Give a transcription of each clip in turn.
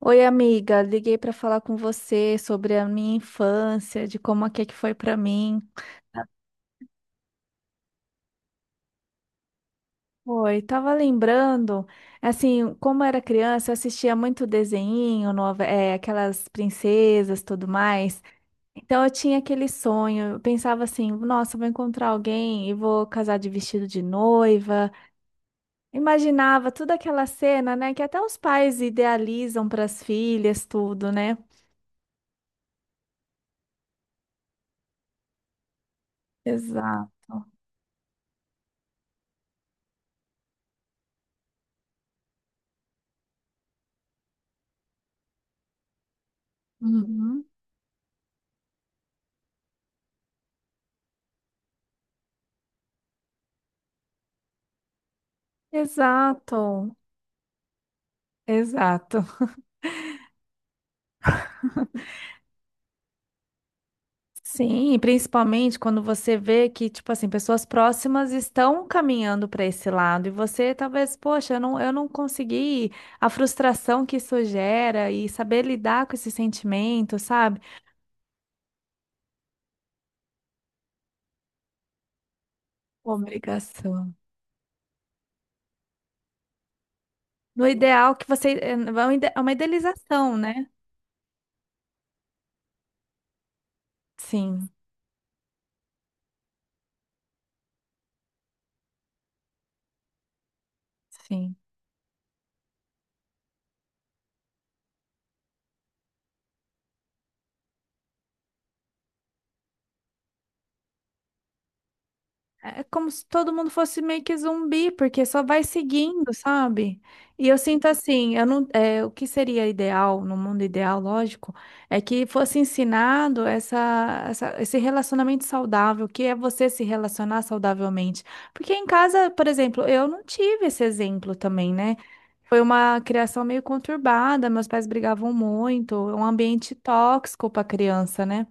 Oi, amiga, liguei para falar com você sobre a minha infância, de como é que foi para mim. Oi, tava lembrando, assim, como era criança, eu assistia muito desenho, aquelas princesas, tudo mais. Então eu tinha aquele sonho, eu pensava assim, nossa, eu vou encontrar alguém e vou casar de vestido de noiva. Imaginava toda aquela cena, né, que até os pais idealizam para as filhas, tudo, né? Exato. Uhum. Exato. Exato. Sim, e principalmente quando você vê que, tipo assim, pessoas próximas estão caminhando para esse lado e você talvez, poxa, eu não consegui, a frustração que isso gera e saber lidar com esse sentimento, sabe? Obrigação. No ideal que você, é uma é uma idealização, né? Sim, sim. É como se todo mundo fosse meio que zumbi, porque só vai seguindo, sabe? E eu sinto assim, eu não, é, o que seria ideal, no mundo ideal, lógico, é que fosse ensinado esse relacionamento saudável, que é você se relacionar saudavelmente. Porque em casa, por exemplo, eu não tive esse exemplo também, né? Foi uma criação meio conturbada, meus pais brigavam muito, um ambiente tóxico para criança, né?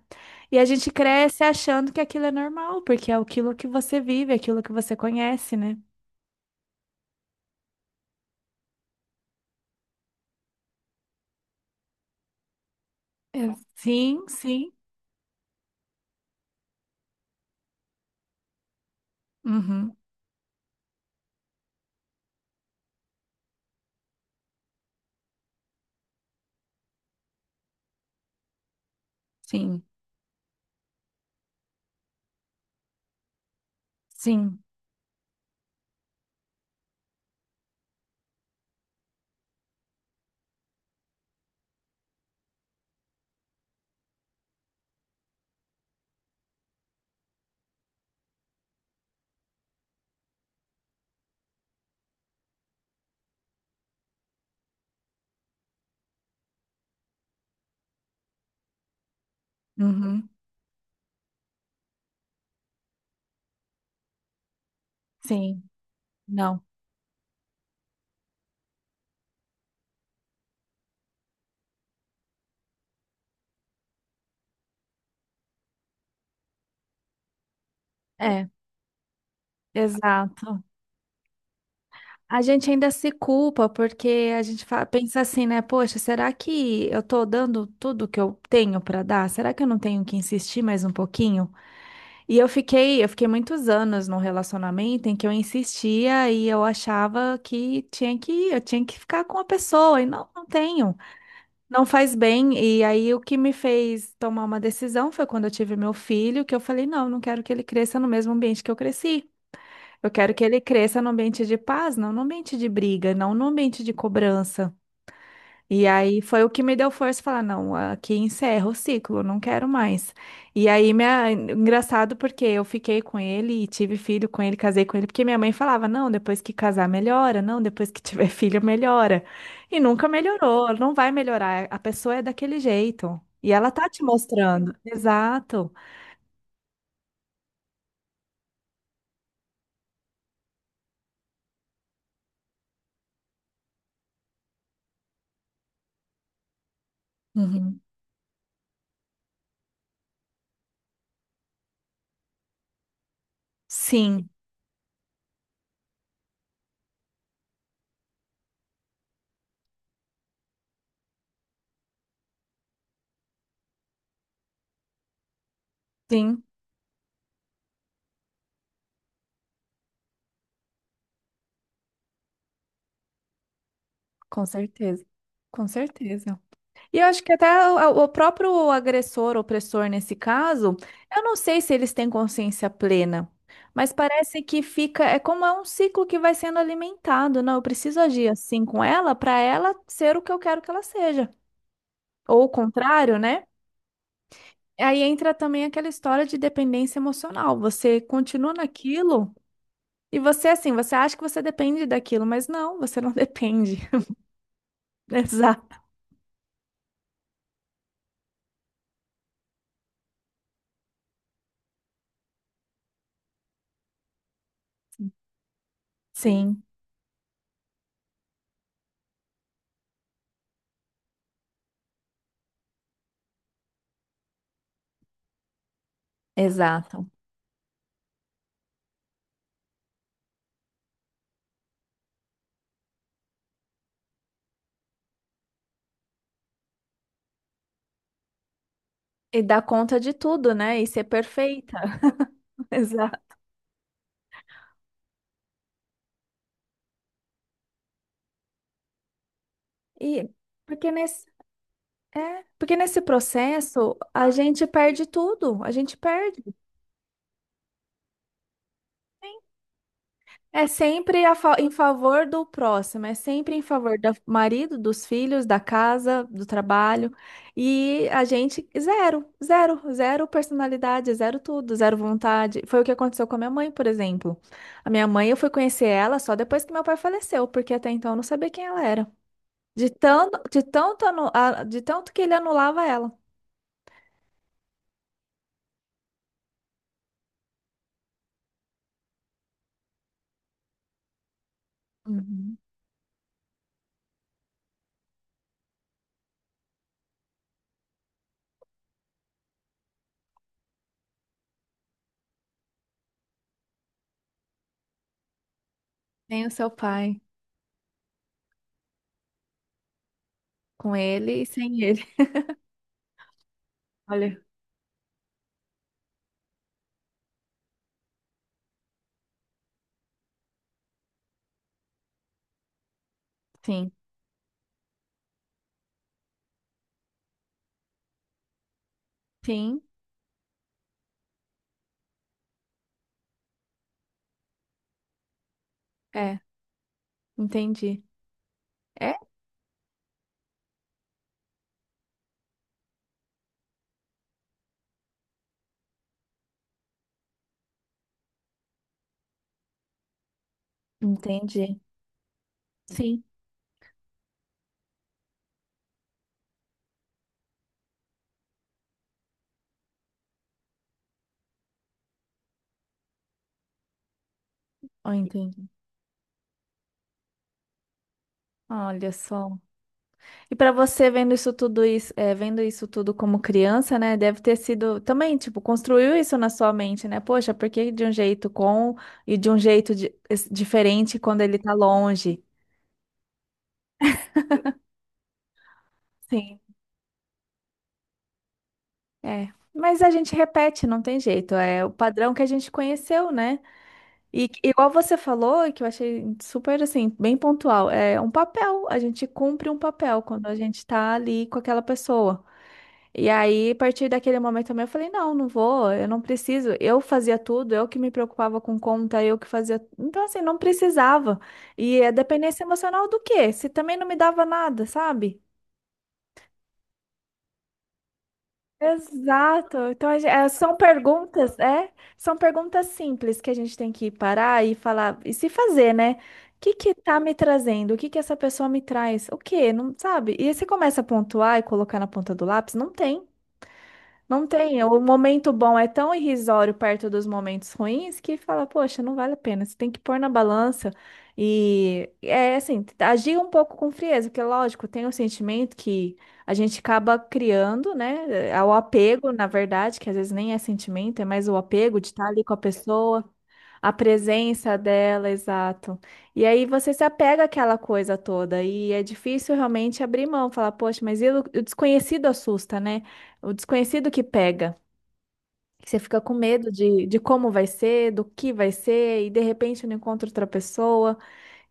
E a gente cresce achando que aquilo é normal, porque é aquilo que você vive, é aquilo que você conhece, né? É, sim, sim. Uhum. Sim, sim. Uhum. Sim. Não. É, exato. A gente ainda se culpa porque a gente pensa assim, né? Poxa, será que eu tô dando tudo que eu tenho para dar? Será que eu não tenho que insistir mais um pouquinho? E eu fiquei muitos anos num relacionamento em que eu insistia e eu achava que tinha que, eu tinha que ficar com a pessoa e não, não tenho, não faz bem. E aí o que me fez tomar uma decisão foi quando eu tive meu filho, que eu falei, não, não quero que ele cresça no mesmo ambiente que eu cresci. Eu quero que ele cresça no ambiente de paz, não no ambiente de briga, não no ambiente de cobrança. E aí foi o que me deu força falar, não, aqui encerra o ciclo, não quero mais. E aí, minha... engraçado porque eu fiquei com ele e tive filho com ele, casei com ele, porque minha mãe falava, não, depois que casar melhora, não, depois que tiver filho melhora. E nunca melhorou, não vai melhorar, a pessoa é daquele jeito. E ela tá te mostrando. Exato. Uhum. Sim, sim, com certeza. Com certeza. E eu acho que até o próprio agressor, opressor nesse caso, eu não sei se eles têm consciência plena, mas parece que fica, é como é um ciclo que vai sendo alimentado, não, eu preciso agir assim com ela para ela ser o que eu quero que ela seja, ou o contrário, né? Aí entra também aquela história de dependência emocional. Você continua naquilo e você assim, você acha que você depende daquilo, mas não, você não depende. Exato. Sim, exato. E dar conta de tudo, né? E ser perfeita. Exato. E porque nesse, Porque nesse processo a gente perde tudo, a gente perde. É sempre a em favor do próximo, é sempre em favor do marido, dos filhos, da casa, do trabalho. E a gente, zero, zero, zero personalidade, zero tudo, zero vontade. Foi o que aconteceu com a minha mãe, por exemplo. A minha mãe, eu fui conhecer ela só depois que meu pai faleceu, porque até então eu não sabia quem ela era. De tanto que ele anulava ela. Uhum. Sem o seu pai, com ele e sem ele. Olha, sim, sim, é, entendi. É, entendi. Sim, ó, entendi. Olha só. E pra você vendo isso tudo, é, vendo isso tudo como criança, né, deve ter sido também, tipo, construiu isso na sua mente, né? Poxa, por que de um jeito com e de um jeito diferente quando ele tá longe? Sim, é. Mas a gente repete, não tem jeito. É o padrão que a gente conheceu, né? E igual você falou, e que eu achei super assim, bem pontual, é um papel. A gente cumpre um papel quando a gente tá ali com aquela pessoa. E aí, a partir daquele momento também, eu falei, não, não vou, eu não preciso. Eu fazia tudo, eu que me preocupava com conta, eu que fazia. Então, assim, não precisava. E é dependência emocional do quê? Se também não me dava nada, sabe? Exato. Então, a é? São perguntas simples que a gente tem que parar e falar e se fazer, né? O que que tá me trazendo? O que que essa pessoa me traz? O quê? Não sabe? E aí você começa a pontuar e colocar na ponta do lápis, não tem. Não tem. O momento bom é tão irrisório perto dos momentos ruins que fala, poxa, não vale a pena. Você tem que pôr na balança e é assim, agir um pouco com frieza, porque lógico, tem o sentimento que a gente acaba criando, né? É o apego, na verdade, que às vezes nem é sentimento, é mais o apego de estar ali com a pessoa. A presença dela, exato. E aí você se apega àquela coisa toda e é difícil realmente abrir mão, falar, poxa, mas e o desconhecido assusta, né? O desconhecido que pega. Você fica com medo de como vai ser, do que vai ser, e de repente eu não encontro outra pessoa,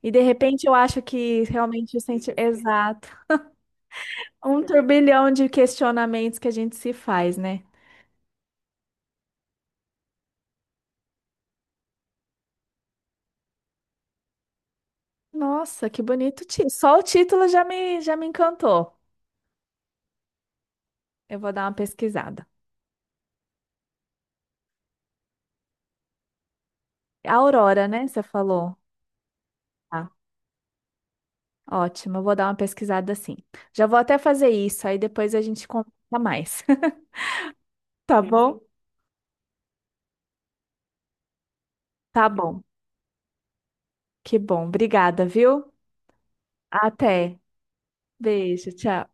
e de repente eu acho que realmente o senti... Exato. Um turbilhão de questionamentos que a gente se faz, né? Nossa, que bonito. Só o título já me encantou. Eu vou dar uma pesquisada. É A Aurora, né? Você falou. Tá, ótimo. Eu vou dar uma pesquisada assim. Já vou até fazer isso, aí depois a gente conversa mais. Tá bom? Tá bom. Que bom. Obrigada, viu? Até. Beijo, tchau.